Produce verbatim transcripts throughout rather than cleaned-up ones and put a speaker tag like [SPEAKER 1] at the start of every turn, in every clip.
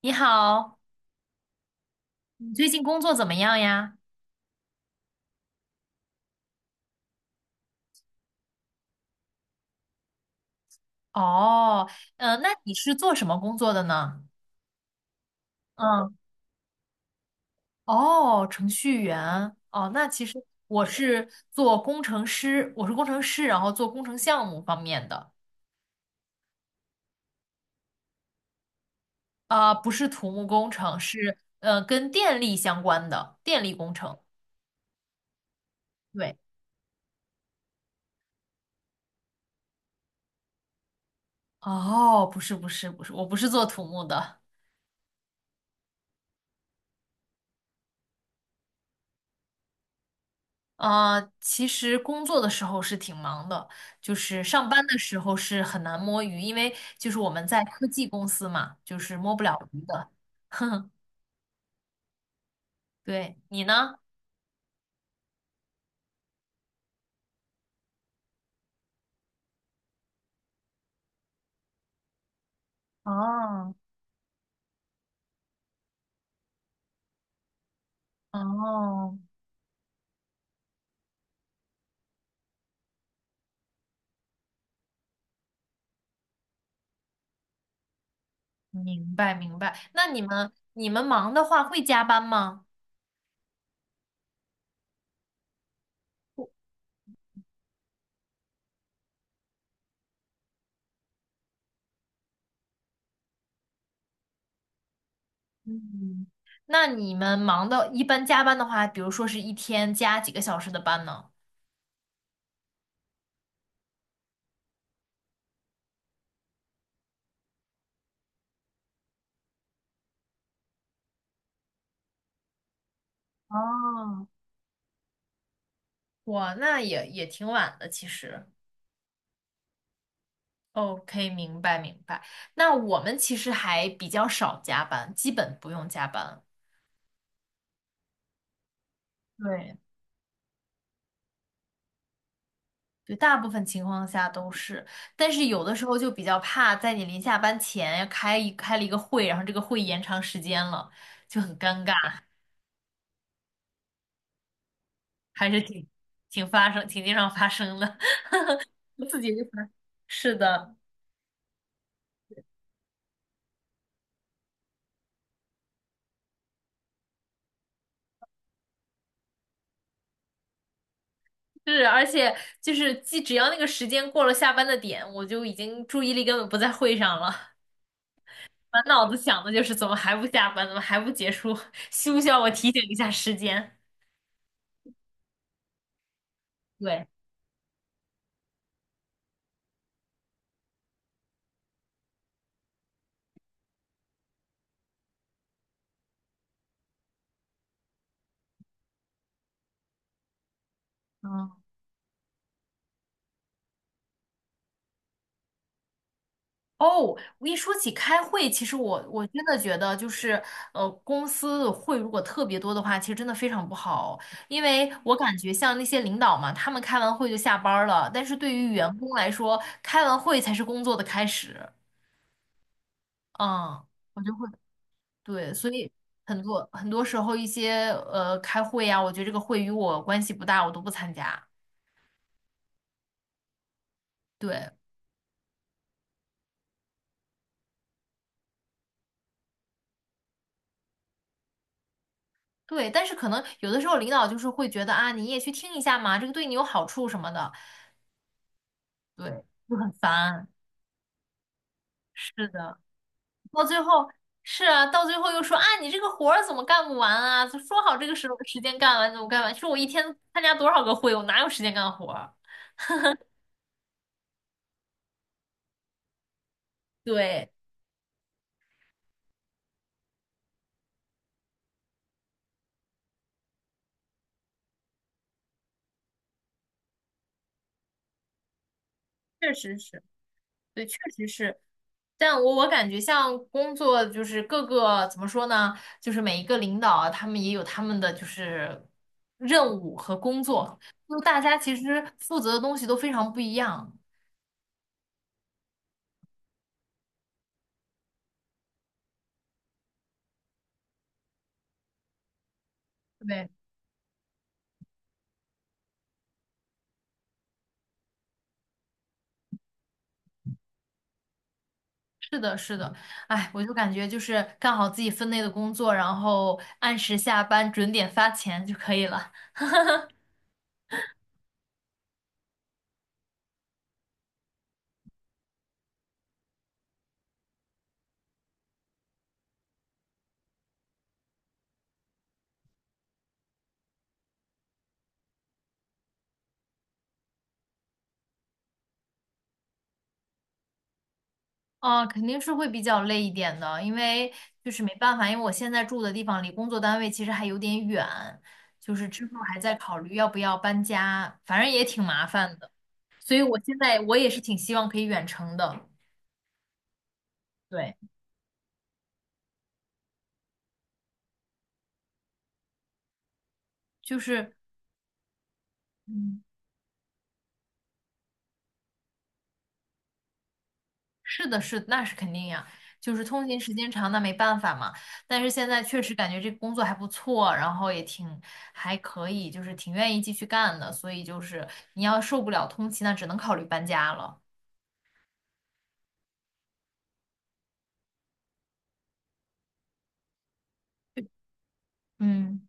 [SPEAKER 1] 你好，你最近工作怎么样呀？哦，呃，那你是做什么工作的呢？嗯，哦，程序员。哦，那其实我是做工程师，我是工程师，然后做工程项目方面的，啊、不是土木工程，是呃跟电力相关的电力工程。对，哦，不是不是不是，我不是做土木的。呃，其实工作的时候是挺忙的，就是上班的时候是很难摸鱼，因为就是我们在科技公司嘛，就是摸不了鱼的。对，你呢？哦哦，明白明白。那你们你们忙的话会加班吗？嗯，那你们忙的，一般加班的话，比如说是一天加几个小时的班呢？哦，哇，那也也挺晚的，其实。OK，明白明白。那我们其实还比较少加班，基本不用加班。对对，大部分情况下都是，但是有的时候就比较怕，在你临下班前开一开了一个会，然后这个会延长时间了，就很尴尬，还是挺挺发生，挺经常发生的。我自己就发，是的，是，而且就是，既只要那个时间过了下班的点，我就已经注意力根本不在会上了。满脑子想的就是怎么还不下班，怎么还不结束？需不需要我提醒一下时间？对，嗯，哦，我一说起开会，其实我我真的觉得就是，呃，公司的会如果特别多的话，其实真的非常不好，因为我感觉像那些领导嘛，他们开完会就下班儿了，但是对于员工来说，开完会才是工作的开始。嗯，我就会，对，所以。很多很多时候，一些呃开会呀、我觉得这个会与我关系不大，我都不参加。对，对，但是可能有的时候领导就是会觉得啊，你也去听一下嘛，这个对你有好处什么的，对，就很烦。是的，到最后是啊，到最后又说啊，你这个活儿怎么干不完啊？就说好这个时候时间干完怎么干完？说我一天参加多少个会，我哪有时间干活儿对，确实是。对，确实是，但我我感觉像工作就是各个怎么说呢，就是每一个领导啊他们也有他们的就是任务和工作，就大家其实负责的东西都非常不一样。对，是的，是的，哎，我就感觉就是干好自己分内的工作，然后按时下班，准点发钱就可以了。啊，肯定是会比较累一点的，因为就是没办法，因为我现在住的地方离工作单位其实还有点远，就是之后还在考虑要不要搬家，反正也挺麻烦的，所以我现在我也是挺希望可以远程的。对，就是，嗯，是的，是的，那是肯定呀，就是通勤时间长，那没办法嘛。但是现在确实感觉这个工作还不错，然后也挺还可以，就是挺愿意继续干的，所以就是你要受不了通勤，那只能考虑搬家了。嗯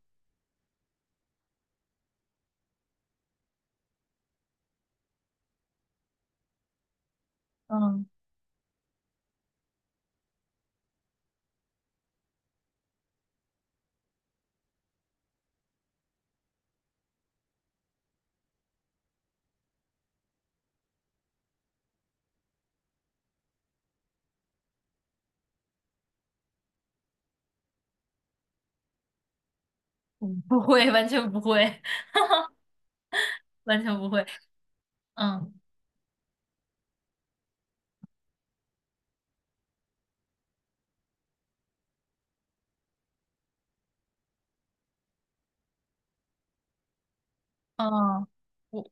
[SPEAKER 1] 嗯我不会，完全不会，完全不会。嗯。嗯我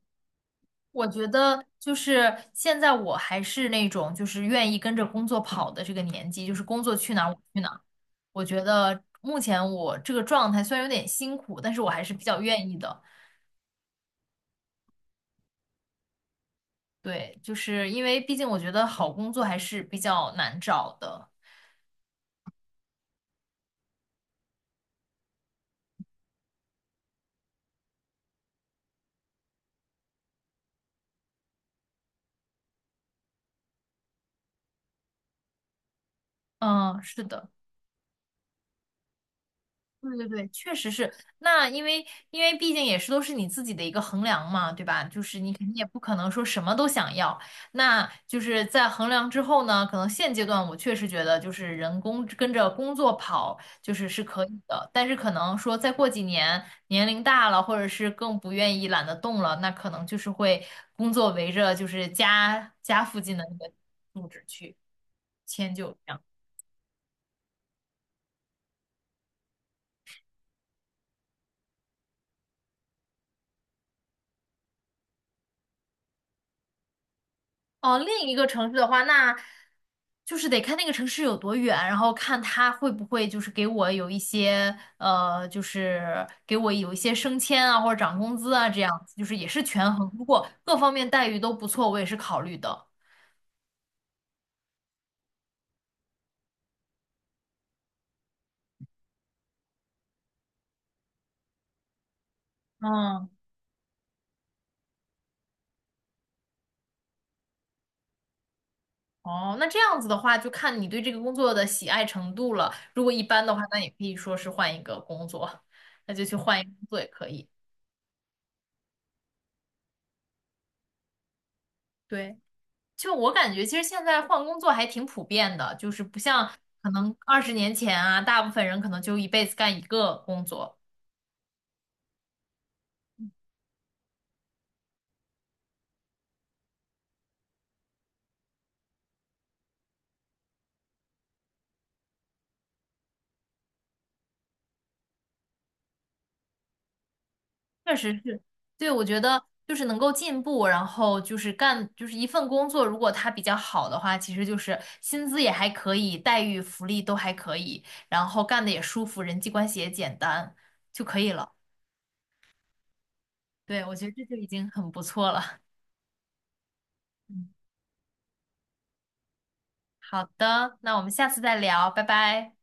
[SPEAKER 1] 我觉得就是现在我还是那种就是愿意跟着工作跑的这个年纪，就是工作去哪儿我去哪儿。我觉得目前我这个状态虽然有点辛苦，但是我还是比较愿意的。对，就是因为毕竟我觉得好工作还是比较难找的。嗯，是的。对对对，确实是。那因为因为毕竟也是都是你自己的一个衡量嘛，对吧？就是你肯定也不可能说什么都想要。那就是在衡量之后呢，可能现阶段我确实觉得就是人工跟着工作跑就是是可以的，但是可能说再过几年年龄大了，或者是更不愿意懒得动了，那可能就是会工作围着就是家家附近的那个住址去迁就这样。哦，另一个城市的话，那就是得看那个城市有多远，然后看他会不会就是给我有一些呃，就是给我有一些升迁啊，或者涨工资啊，这样子，就是也是权衡。如果各方面待遇都不错，我也是考虑的。嗯，哦，那这样子的话，就看你对这个工作的喜爱程度了。如果一般的话，那也可以说是换一个工作，那就去换一个工作也可以。对。就我感觉，其实现在换工作还挺普遍的，就是不像可能二十年前啊，大部分人可能就一辈子干一个工作。确实是，对，我觉得就是能够进步，然后就是干就是一份工作，如果它比较好的话，其实就是薪资也还可以，待遇、福利都还可以，然后干的也舒服，人际关系也简单就可以了。对，我觉得这就已经很不错了。嗯，好的，那我们下次再聊，拜拜。